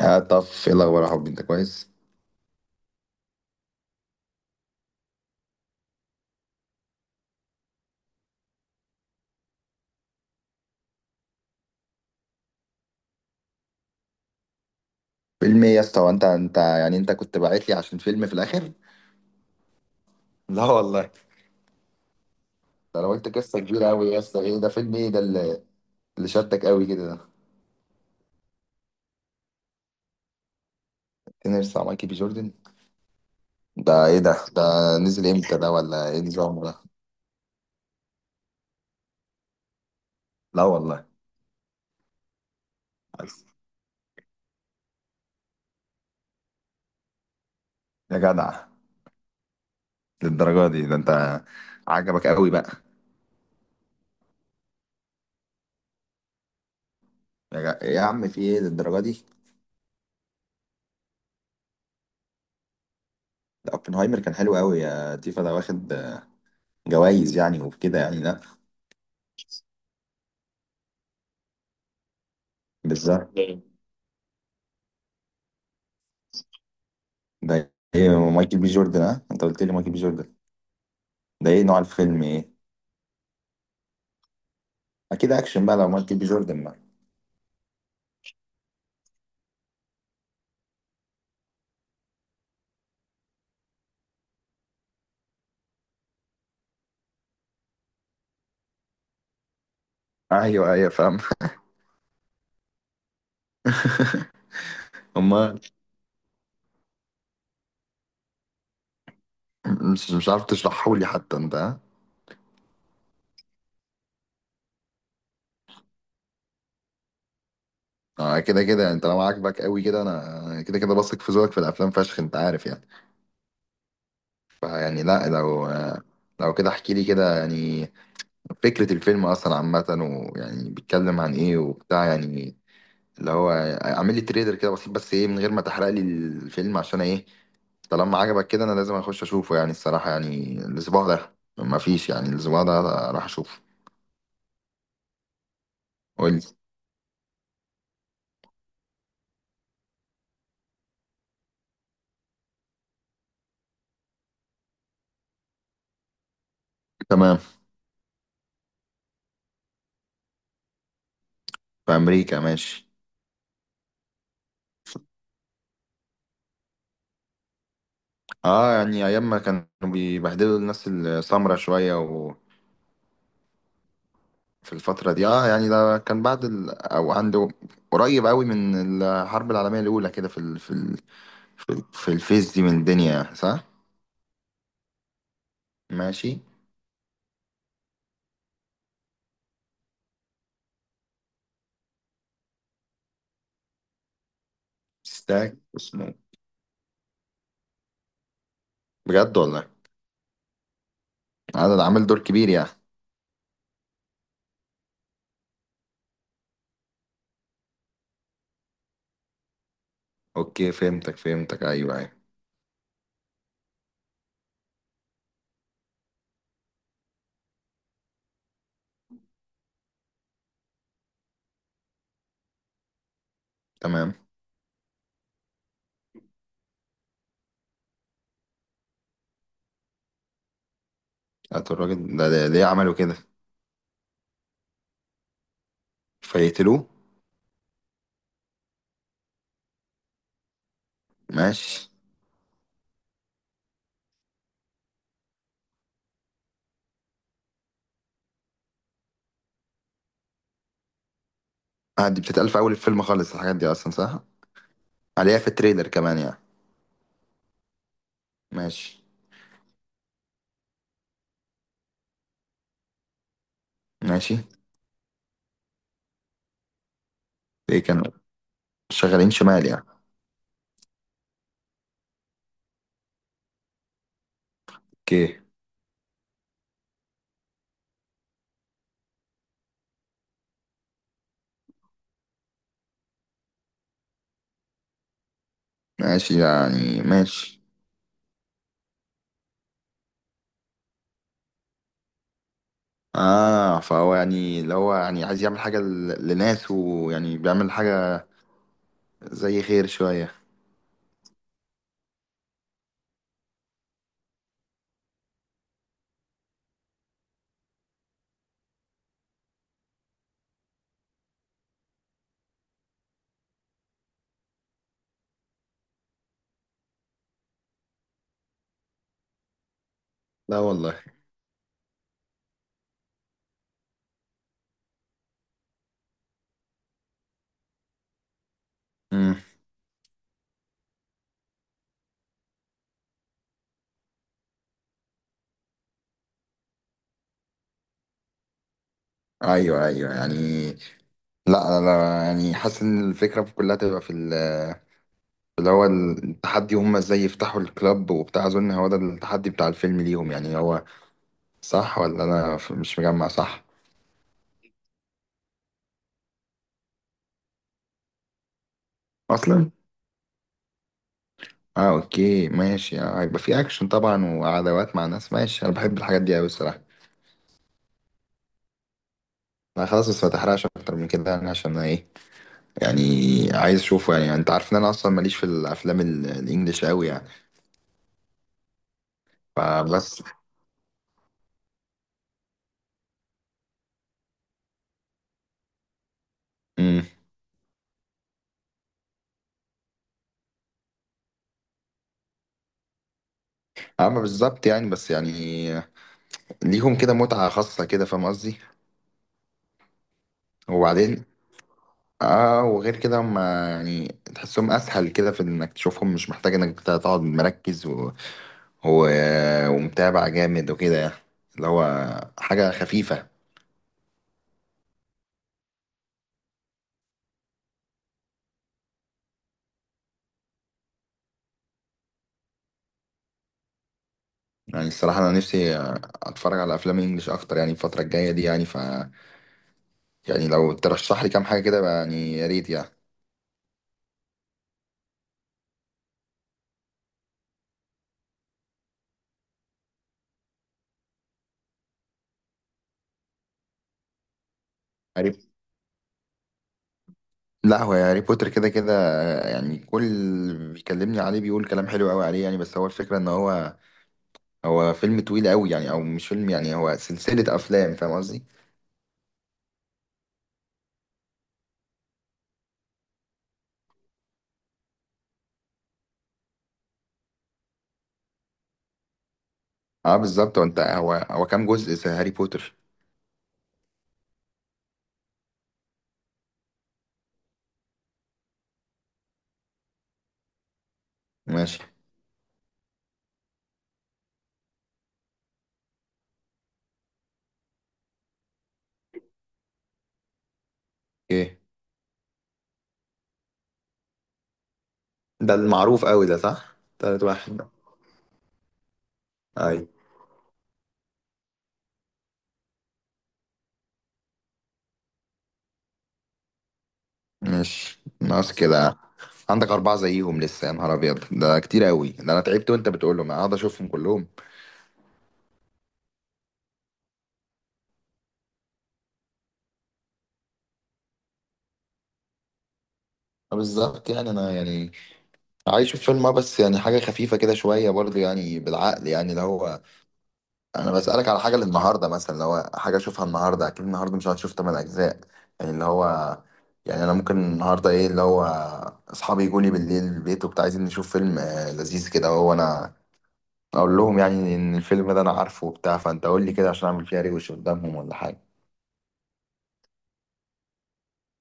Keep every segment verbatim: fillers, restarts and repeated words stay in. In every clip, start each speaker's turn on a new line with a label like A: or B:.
A: آه، طف ايه الاخبار يا حبيبي؟ انت كويس؟ فيلم ايه يا اسطى؟ وانت انت يعني انت كنت باعت لي عشان فيلم في الاخر؟ لا والله، ده انا قلت قصه كبيره قوي يا اسطى. ايه ده؟ فيلم ايه ده اللي اللي شدك قوي كده ده؟ تنرس بتاع مايكل بي جوردن؟ ده ايه ده ده نزل امتى ده ولا ايه نظامه ده؟ لا والله. يا جدع، للدرجه دي ده انت؟ عجبك قوي بقى؟ يا, جا... يا عم، في ايه للدرجه دي؟ ده اوبنهايمر كان حلو قوي يا تيفا، ده واخد جوائز يعني وكده، يعني لا. بالظبط. ده ايه مايكل بي جوردن؟ اه، انت قلت لي مايكل بي جوردن. ده ايه نوع الفيلم، ايه؟ اكيد اكشن بقى لو مايكل بي جوردن بقى. ايوه ايوه، فاهم. امال. مش مش عارف تشرحهولي حتى انت، ها؟ اه كده كده، انت لو عاجبك قوي كده، انا كده كده بثق في ذوقك في الافلام فشخ، انت عارف يعني. فيعني لا، لو لو كده احكي لي كده يعني. فكرة الفيلم اصلا عامة، ويعني بيتكلم عن ايه وبتاع، يعني اللي هو اعمل لي تريلر كده بسيط، بس ايه، من غير ما تحرق لي الفيلم، عشان ايه، طالما عجبك كده انا لازم اخش اشوفه يعني. الصراحه، يعني الاسبوع ده ما فيش، يعني الاسبوع ده راح اشوفه. قول لي. تمام. في امريكا، ماشي. اه يعني ايام ما كانوا بيبهدلوا الناس السمرة شويه، وفي الفتره دي اه، يعني ده كان بعد ال... او عنده، قريب قوي من الحرب العالميه الاولى كده، في ال... في ال... في, ال... في الفيس دي من الدنيا، صح؟ ماشي. ستاك اسمه. بجد والله؟ انا ده عامل دور كبير يعني. اوكي فهمتك فهمتك، ايوه ايوه. تمام. قتلوا الراجل ده ده- ليه عملوا كده؟ فيقتلوه. ماشي. آه دي بتتقال في أول الفيلم خالص، الحاجات دي أصلا، صح؟ عليها في التريلر كمان يعني. ماشي ماشي. ليه كانوا شغالين شمال يعني؟ اوكي. ماشي يعني، ماشي. اه فهو يعني، اللي هو يعني عايز يعمل حاجة ل- لناس، ويعني بيعمل حاجة زي خير شوية. لا والله. امم. ايوه ايوه، يعني لا لا لا، يعني حاسس ان الفكرة كلها تبقى في ال، اللي هو التحدي، هم ازاي يفتحوا الكلاب وبتاع، اظن هو ده التحدي بتاع الفيلم ليهم يعني. هو صح ولا انا ف- مش مجمع، صح؟ اصلا. اه اوكي ماشي، آه، هيبقى في اكشن طبعا وعداوات مع ناس. ماشي، انا بحب الحاجات دي قوي الصراحه. لا خلاص، بس ما تحرقش اكتر من كده يعني، عشان انا ايه يعني، عايز اشوفه يعني. انت عارف ان انا اصلا ماليش في الافلام ال- الانجليش قوي يعني. فبس. امم. اما بالظبط يعني، بس يعني ليهم كده متعه خاصه كده، فاهم قصدي؟ وبعدين، اه وغير كده هم يعني تحسهم اسهل كده في انك تشوفهم، مش محتاج انك تقعد مركز و... و... ومتابع جامد وكده يعني. اللي هو حاجة خفيفة. يعني الصراحة انا نفسي اتفرج على افلام انجليش اكتر يعني الفترة الجاية دي، يعني ف، يعني لو ترشح لي كام حاجة كده بقى يعني، يا ريت يعني. هاري لا، هو هاري بوتر كده كده يعني، كل اللي بيكلمني عليه بيقول كلام حلو قوي عليه يعني، بس هو الفكرة ان هو هو فيلم طويل قوي يعني، او مش فيلم يعني، هو سلسلة افلام، فاهم قصدي؟ اه بالظبط. هو انت هو هو كام جزء في هاري بوتر؟ ماشي. ايه. ده المعروف قوي ده، صح؟ تالت واحد ده. اي. ماشي. ناقص كده؟ عندك أربعة زيهم لسه؟ يا نهار أبيض، ده كتير أوي ده، أنا تعبت وأنت بتقولهم. أنا أقعد أشوفهم كلهم؟ آه بالظبط يعني، أنا يعني عايش في فيلم، آه بس يعني حاجة خفيفة كده شوية برضه يعني، بالعقل يعني، اللي هو انا بسألك على حاجة للنهاردة مثلا، لو حاجة اشوفها النهاردة، اكيد النهاردة مش هتشوف تمن اجزاء يعني، اللي هو يعني انا ممكن النهاردة ايه، اللي هو اصحابي يجوا لي بالليل البيت وبتاع، عايزين نشوف فيلم آه، لذيذ كده، وهو انا اقول لهم يعني ان الفيلم ده انا عارفه وبتاع، فانت قول لي كده عشان اعمل فيها ريوش قدامهم ولا حاجة.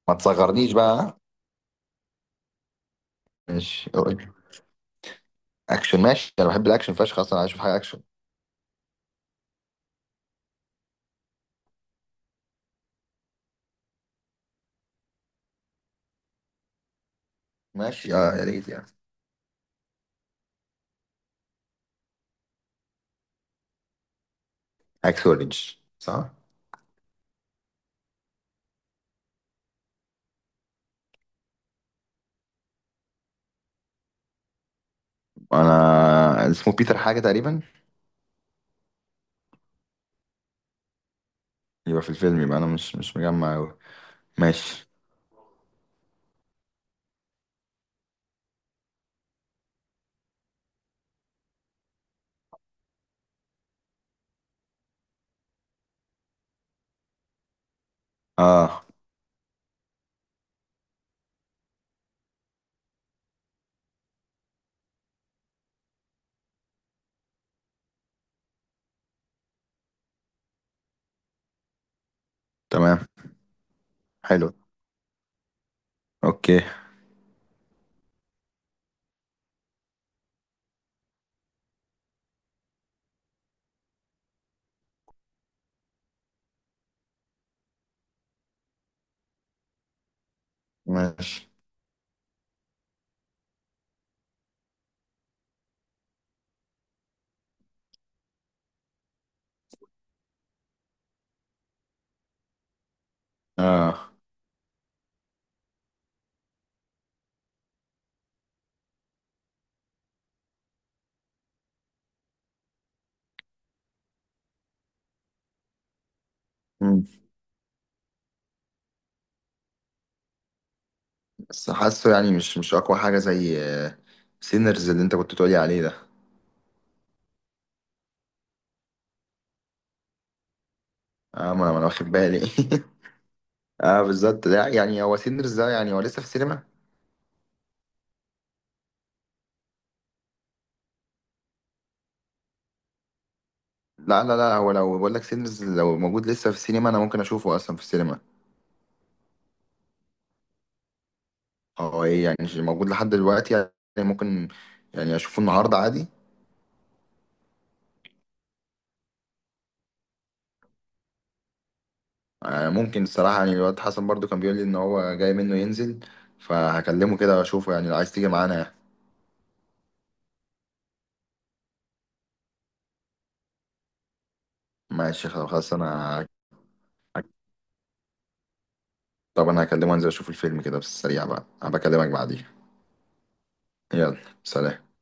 A: ما تصغرنيش بقى، ها؟ ماشي، قول. اكشن، ماشي، انا بحب الاكشن فشخ، اصلا عايز اشوف حاجة اكشن. ماشي، اه يا ريت يعني. اكس اوريدج، صح. انا اسمه بيتر حاجة تقريبا. يبقى في الفيلم، يبقى انا مش مش مجمع أوي. ماشي. اه. تمام. حلو. اوكي ماشي. اه. مم. بس حاسه يعني مش مش اقوى حاجه زي سينرز اللي انت كنت بتقولي عليه ده. اه ما انا ما أنا واخد بالي. اه بالظبط. لا يعني هو سينرز ده يعني هو لسه في السينما؟ لا لا لا، هو لو بقول لك سينرز لو موجود لسه في السينما انا ممكن اشوفه اصلا في السينما. هو ايه يعني، مش موجود لحد دلوقتي يعني؟ ممكن يعني اشوفه النهارده عادي. آه، ممكن، الصراحة يعني الواد حسن برضو كان بيقول لي إن هو جاي منه ينزل، فهكلمه كده وأشوفه يعني. لو عايز تيجي معانا يعني. ماشي خلاص أنا، طب أنا هكلمه أنزل أشوف الفيلم كده بس، السريع بقى، أنا بكلمك بعديها. يلا، سلام.